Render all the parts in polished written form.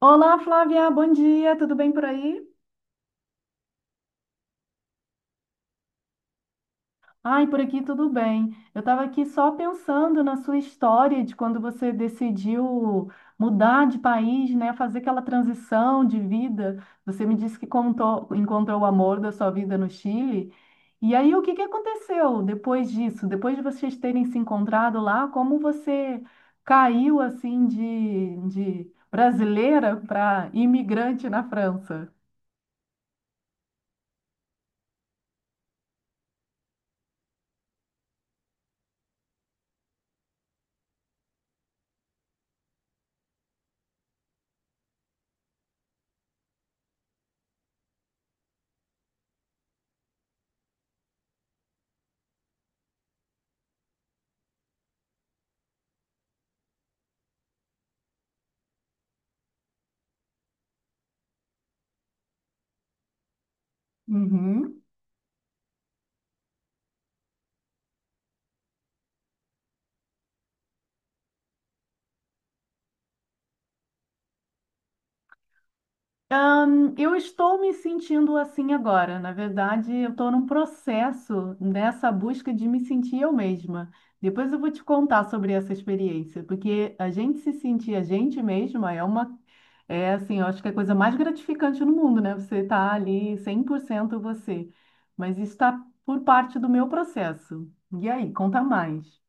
Olá, Flávia, bom dia, tudo bem por aí? Ai, por aqui tudo bem. Eu estava aqui só pensando na sua história de quando você decidiu mudar de país, né, fazer aquela transição de vida. Você me disse que encontrou o amor da sua vida no Chile. E aí, o que que aconteceu depois disso? Depois de vocês terem se encontrado lá, como você caiu assim de brasileira para imigrante na França? Uhum. Eu estou me sentindo assim agora. Na verdade, eu estou num processo nessa busca de me sentir eu mesma. Depois eu vou te contar sobre essa experiência, porque a gente se sentir a gente mesma é assim, eu acho que é a coisa mais gratificante no mundo, né? Você tá ali 100% você. Mas isso está por parte do meu processo. E aí, conta mais.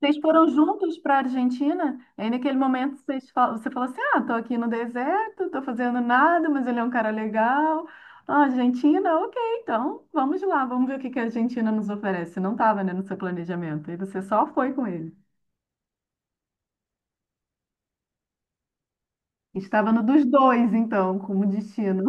Vocês foram juntos para a Argentina? Aí naquele momento vocês falam, você fala assim: ah, tô aqui no deserto, tô fazendo nada, mas ele é um cara legal. Ah, Argentina, ok, então vamos lá, vamos ver o que que a Argentina nos oferece. Não estava, né, no seu planejamento. E você só foi com ele. Estava no dos dois, então, como destino.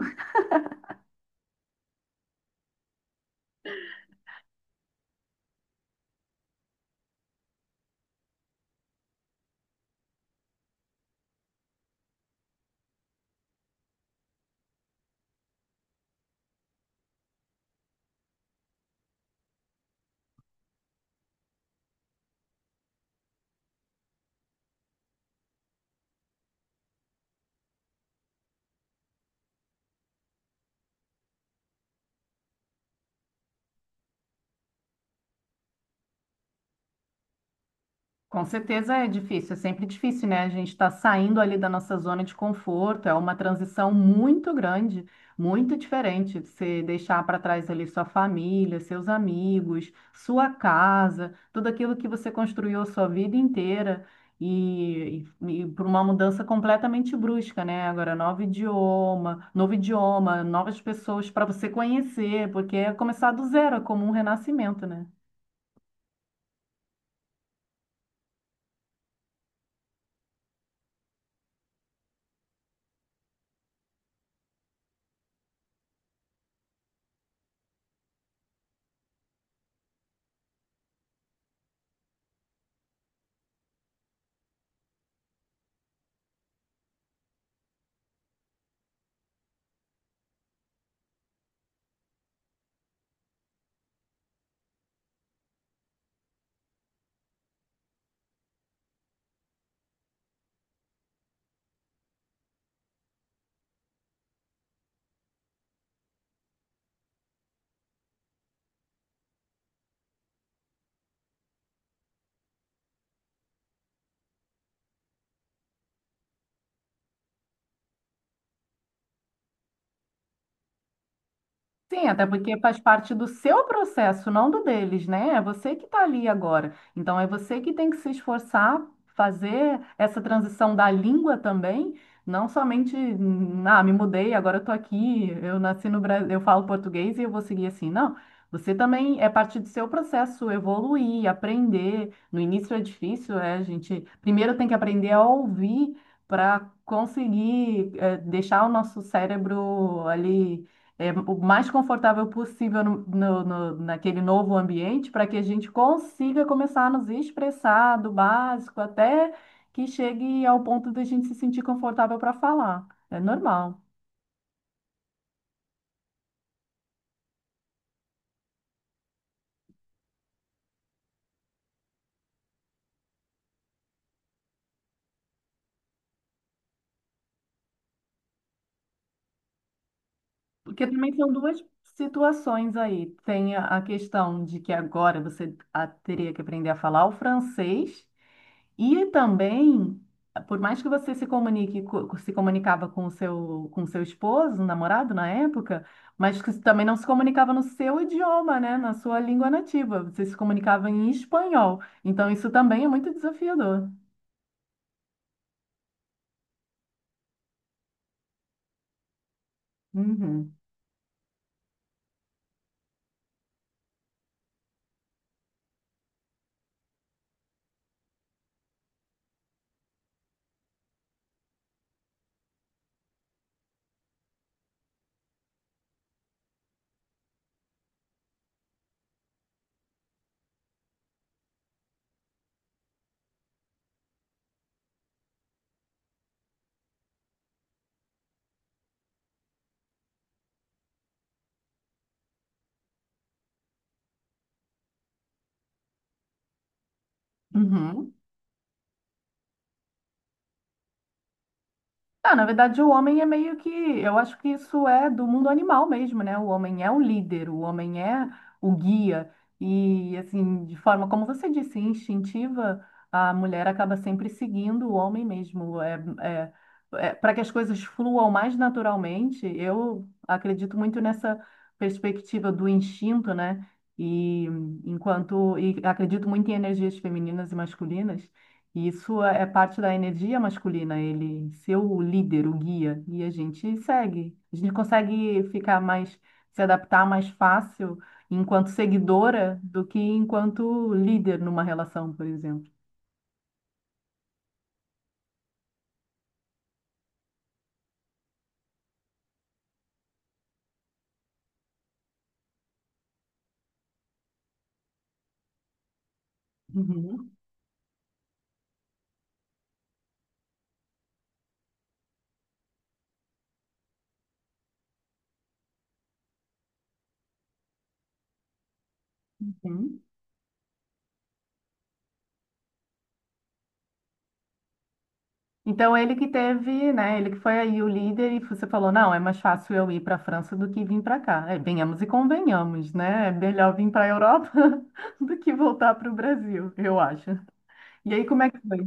Com certeza é difícil, é sempre difícil, né? A gente está saindo ali da nossa zona de conforto, é uma transição muito grande, muito diferente. Você deixar para trás ali sua família, seus amigos, sua casa, tudo aquilo que você construiu a sua vida inteira por uma mudança completamente brusca, né? Agora, novo idioma, novas pessoas para você conhecer, porque é começar do zero, é como um renascimento, né? Sim, até porque faz parte do seu processo, não do deles, né? É você que está ali agora. Então, é você que tem que se esforçar, fazer essa transição da língua também, não somente, me mudei, agora eu estou aqui, eu nasci no Brasil, eu falo português e eu vou seguir assim. Não, você também é parte do seu processo evoluir, aprender. No início é difícil, é, a gente primeiro tem que aprender a ouvir para conseguir, deixar o nosso cérebro ali é, o mais confortável possível naquele novo ambiente para que a gente consiga começar a nos expressar do básico até que chegue ao ponto de a gente se sentir confortável para falar. É normal. Porque também são duas situações aí. Tem a questão de que agora você teria que aprender a falar o francês. E também, por mais que você se comunique, se comunicava com o seu esposo, namorado na época, mas que também não se comunicava no seu idioma, né? Na sua língua nativa. Você se comunicava em espanhol. Então, isso também é muito desafiador. Uhum. Uhum. Ah, na verdade, o homem é meio que. Eu acho que isso é do mundo animal mesmo, né? O homem é o líder, o homem é o guia. E, assim, de forma, como você disse, instintiva, a mulher acaba sempre seguindo o homem mesmo. Para que as coisas fluam mais naturalmente, eu acredito muito nessa perspectiva do instinto, né? E enquanto. E acredito muito em energias femininas e masculinas. E isso é parte da energia masculina, ele ser o líder, o guia, e a gente segue. A gente consegue ficar mais, se adaptar mais fácil enquanto seguidora do que enquanto líder numa relação, por exemplo. Uhum, uhum. Então ele que teve, né? Ele que foi aí o líder e você falou, não, é mais fácil eu ir para a França do que vir para cá. É, venhamos e convenhamos, né? É melhor vir para a Europa do que voltar para o Brasil, eu acho. E aí como é que foi?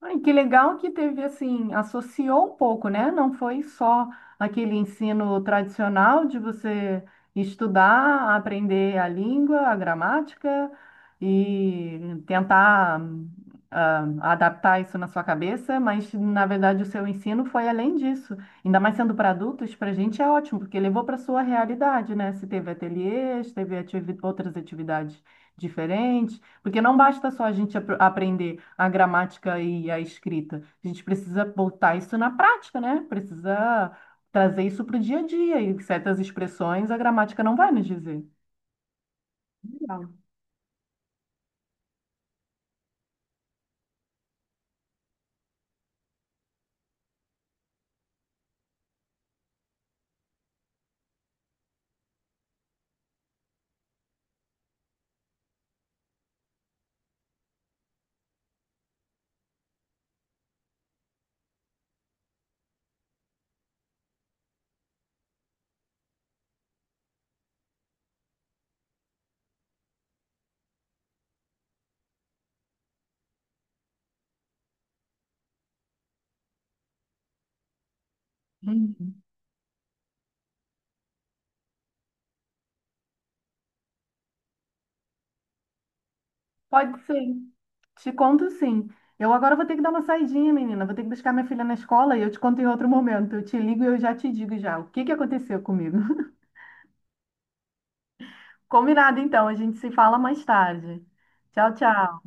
Ai, que legal que teve assim, associou um pouco, né? Não foi só aquele ensino tradicional de você estudar, aprender a língua, a gramática e tentar ah, adaptar isso na sua cabeça, mas na verdade o seu ensino foi além disso. Ainda mais sendo para adultos, para a gente é ótimo, porque levou para a sua realidade, né? Se teve ateliês, teve outras atividades diferentes. Porque não basta só a gente aprender a gramática e a escrita. A gente precisa botar isso na prática, né? Precisa trazer isso para o dia a dia. E certas expressões a gramática não vai nos dizer. Legal. Uhum. Pode ser. Te conto sim. Eu agora vou ter que dar uma saidinha, menina. Vou ter que buscar minha filha na escola e eu te conto em outro momento. Eu te ligo e eu já te digo já o que que aconteceu comigo. Combinado, então. A gente se fala mais tarde. Tchau, tchau.